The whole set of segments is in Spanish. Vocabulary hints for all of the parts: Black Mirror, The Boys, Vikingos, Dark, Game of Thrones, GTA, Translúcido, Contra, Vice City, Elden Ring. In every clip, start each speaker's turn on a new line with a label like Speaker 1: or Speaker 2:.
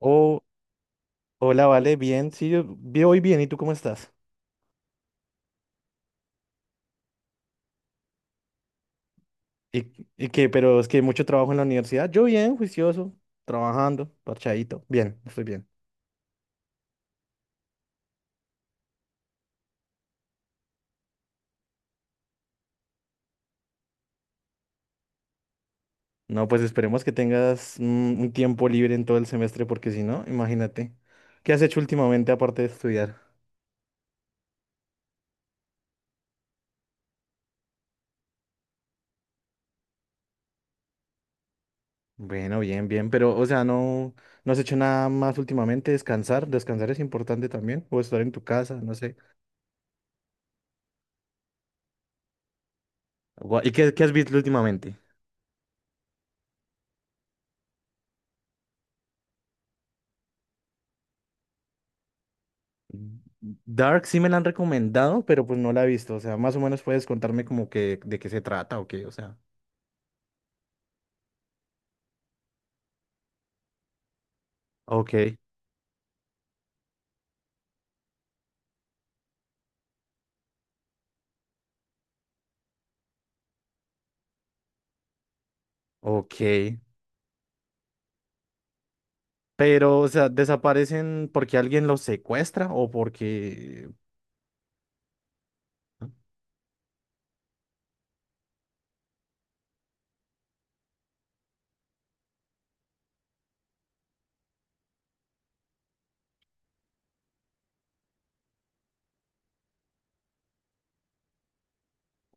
Speaker 1: Oh, hola, vale, bien, sí, voy bien, ¿y tú cómo estás? ¿Y qué? Pero es que mucho trabajo en la universidad. Yo bien, juicioso, trabajando, parchadito. Bien, estoy bien. No, pues esperemos que tengas un tiempo libre en todo el semestre, porque si no, imagínate. ¿Qué has hecho últimamente aparte de estudiar? Bueno, bien, bien, pero, o sea, no has hecho nada más últimamente, descansar, descansar es importante también, o estar en tu casa, no sé. ¿Y qué, qué has visto últimamente? Dark sí me la han recomendado, pero pues no la he visto. O sea, más o menos puedes contarme como que de qué se trata o qué, o sea. Ok, ok. Pero, o sea, ¿desaparecen porque alguien los secuestra o porque...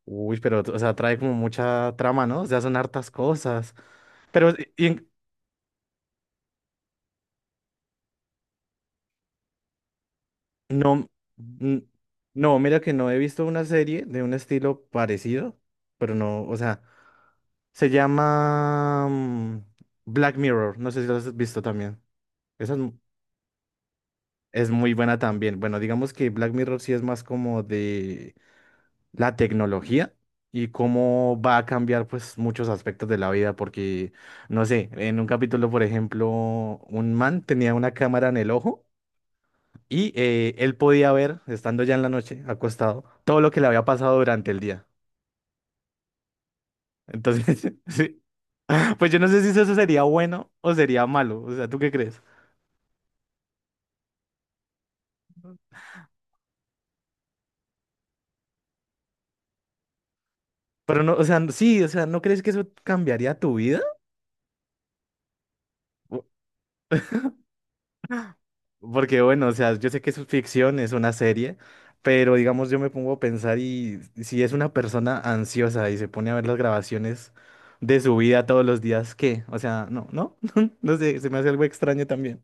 Speaker 1: Uy, pero, o sea, trae como mucha trama, ¿no? O sea, son hartas cosas. Pero, ¿y en- No, mm, no, mira que no he visto una serie de un estilo parecido, pero no, o sea, se llama Black Mirror, no sé si lo has visto también. Esa es, mu- es muy buena también. Bueno, digamos que Black Mirror sí es más como de la tecnología y cómo va a cambiar pues muchos aspectos de la vida, porque, no sé, en un capítulo, por ejemplo, un man tenía una cámara en el ojo. Y él podía ver, estando ya en la noche, acostado, todo lo que le había pasado durante el día. Entonces, sí, pues yo no sé si eso sería bueno o sería malo. O sea, ¿tú qué crees? Pero no, o sea, sí, o sea, ¿no crees que eso cambiaría tu vida? Po- Porque bueno, o sea, yo sé que es ficción, es una serie, pero digamos yo me pongo a pensar y si es una persona ansiosa y se pone a ver las grabaciones de su vida todos los días, ¿qué? O sea, no sé, se me hace algo extraño también.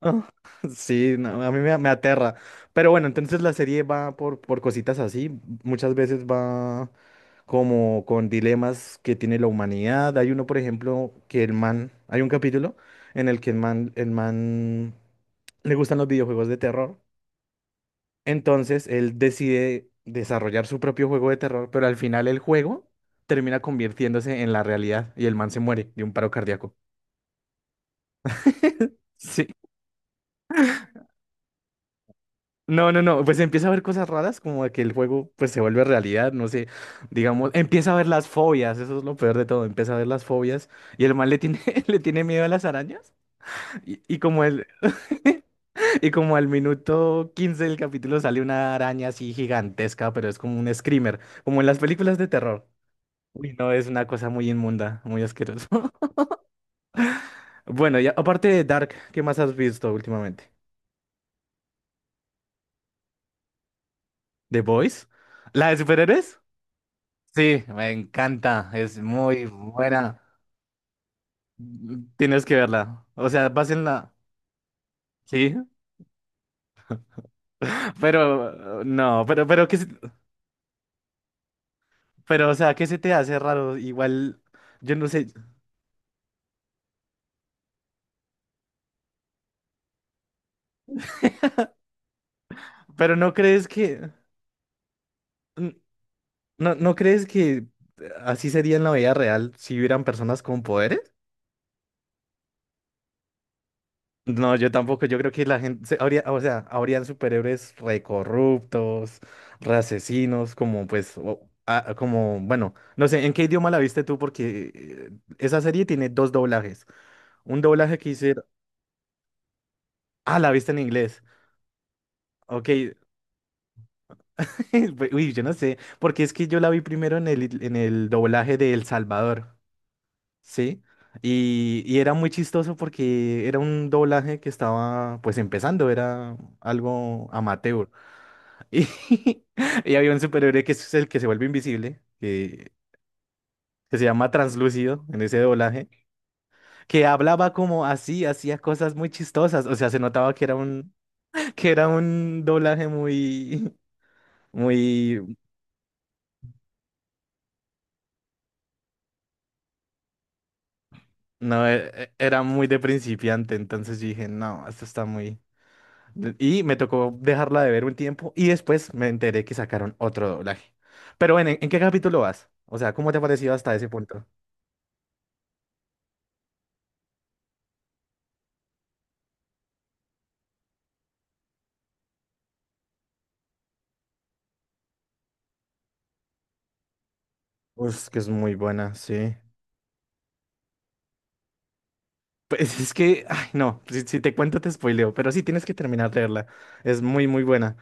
Speaker 1: Ah, Sí, no, a mí me aterra. Pero bueno, entonces la serie va por cositas así. Muchas veces va como con dilemas que tiene la humanidad. Hay uno, por ejemplo, que el man, hay un capítulo en el que el man le gustan los videojuegos de terror. Entonces él decide desarrollar su propio juego de terror, pero al final el juego termina convirtiéndose en la realidad y el man se muere de un paro cardíaco. Sí. No, no, no, pues empieza a ver cosas raras como de que el juego pues se vuelve realidad, no sé, digamos, empieza a ver las fobias, eso es lo peor de todo, empieza a ver las fobias y el man le tiene, le tiene miedo a las arañas y como y como al minuto 15 del capítulo sale una araña así gigantesca, pero es como un screamer, como en las películas de terror. Uy, no, es una cosa muy inmunda, muy asquerosa. Bueno, y aparte de Dark, ¿qué más has visto últimamente? ¿The Boys? ¿La de superhéroes? Sí, me encanta, es muy buena. Tienes que verla. O sea, vas la... Sí, pero no, pero, o sea, ¿qué se te hace raro? Igual, yo no sé, pero n- no, ¿no crees que así sería en la vida real si hubieran personas con poderes? No, yo tampoco. Yo creo que habría, o sea, habrían superhéroes recorruptos, re asesinos, como pues, como, bueno, no sé, ¿en qué idioma la viste tú? Porque esa serie tiene dos doblajes. Un doblaje que hicieron. Ah, la viste en inglés. Ok. Pues, uy, yo no sé. Porque es que yo la vi primero en en el doblaje de El Salvador. ¿Sí? Y era muy chistoso porque era un doblaje que estaba pues empezando, era algo amateur. Y, y había un superhéroe que es el que se vuelve invisible, que se llama Translúcido en ese doblaje, que hablaba como así, hacía cosas muy chistosas. O sea, se notaba que era un, que era un doblaje muy, muy, no, era muy de principiante. Entonces yo dije, no, esto está muy. Y me tocó dejarla de ver un tiempo y después me enteré que sacaron otro doblaje. Pero bueno, en qué capítulo vas? O sea, ¿cómo te ha parecido hasta ese punto? Pues que es muy buena, sí. Pues es que, ay, no, si, si te cuento te spoileo, pero sí tienes que terminar de verla. Es muy, muy buena.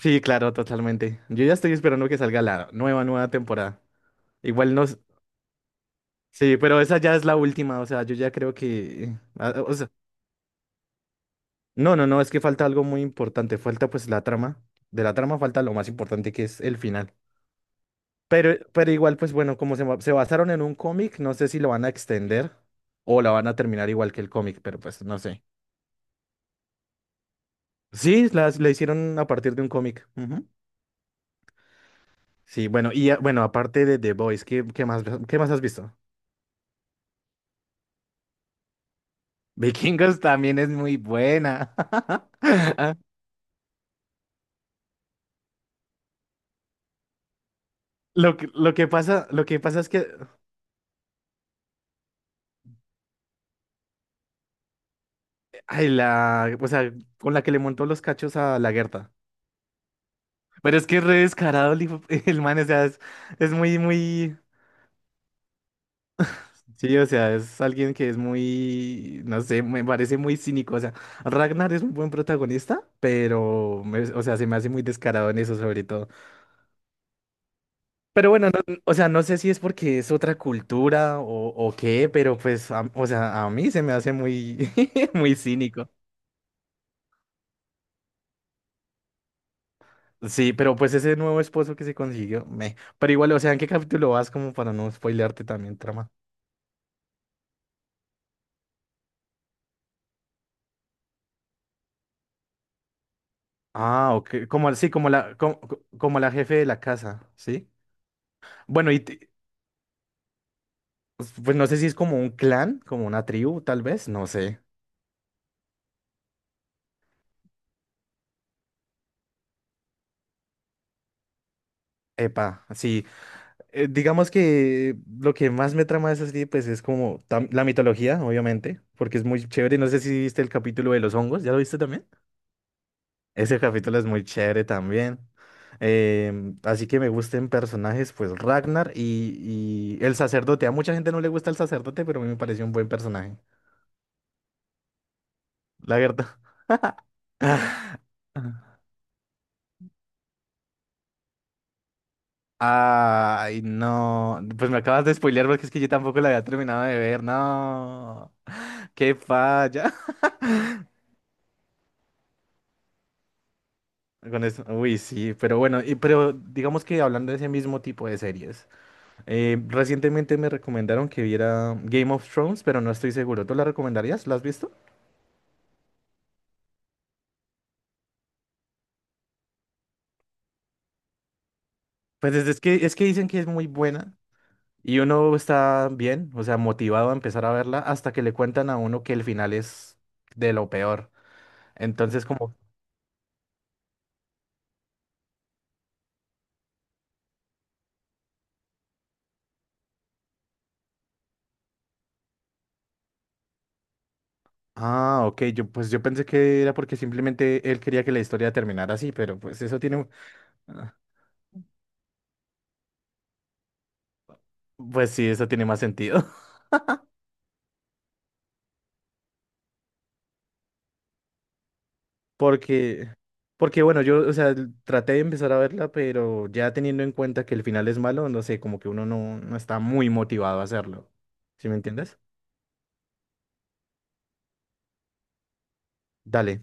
Speaker 1: Sí, claro, totalmente. Yo ya estoy esperando que salga la nueva temporada. Igual no. Sí, pero esa ya es la última, o sea, yo ya creo que. Ah, o sea, no, no, no, es que falta algo muy importante. Falta pues la trama. De la trama falta lo más importante que es el final. Pero igual, pues bueno, como se basaron en un cómic, no sé si lo van a extender o la van a terminar igual que el cómic, pero pues no sé. Sí, la hicieron a partir de un cómic. Ujú. Sí, bueno, y ah, bueno, aparte de The Boys, qué más has visto? Vikingos también es muy buena. Ah, lo que pasa es que, ay, la, o sea, con la que le montó los cachos a la Gerta. Pero es que es re descarado el man, o sea, es muy, muy... Sí, o sea, es alguien que es muy, no sé, me parece muy cínico. O sea, Ragnar es un buen protagonista, pero o sea, se me hace muy descarado en eso, sobre todo. Pero bueno, o sea, no sé si es porque es otra cultura o qué, pero pues, o sea, a mí se me hace muy, muy cínico. Sí, pero pues ese nuevo esposo que se consiguió, me. Pero igual, o sea, ¿en qué capítulo vas como para no spoilearte también trama? Ah, ok, como sí, como la jefe de la casa, ¿sí? Bueno, y te- pues no sé si es como un clan, como una tribu, tal vez, no sé. Epa, sí. Eh, digamos que lo que más me trama de esa serie, pues es como la mitología, obviamente, porque es muy chévere. No sé si viste el capítulo de los hongos, ¿ya lo viste también? Ese capítulo es muy chévere también. Em, así que me gusten personajes, pues Ragnar y el sacerdote. A mucha gente no le gusta el sacerdote, pero a mí me pareció un buen personaje, la verdad. Ajá. Ay, no. Pues me acabas de spoilear porque es que yo tampoco la había terminado de ver. No. Qué falla. Con eso, uy, sí, pero bueno, y, pero digamos que hablando de ese mismo tipo de series, recientemente me recomendaron que viera Game of Thrones, pero no estoy seguro. ¿Tú la recomendarías? ¿La has visto? Pues es que dicen que es muy buena y uno está bien, o sea, motivado a empezar a verla hasta que le cuentan a uno que el final es de lo peor. Entonces como, ah, ok, yo pues yo pensé que era porque simplemente él quería que la historia terminara así, pero pues eso tiene, ah, pues sí, eso tiene más sentido. Porque, Porque bueno, yo, o sea, traté de empezar a verla, pero ya teniendo en cuenta que el final es malo, no sé, como que uno no, no está muy motivado a hacerlo. ¿Sí me entiendes? Dale.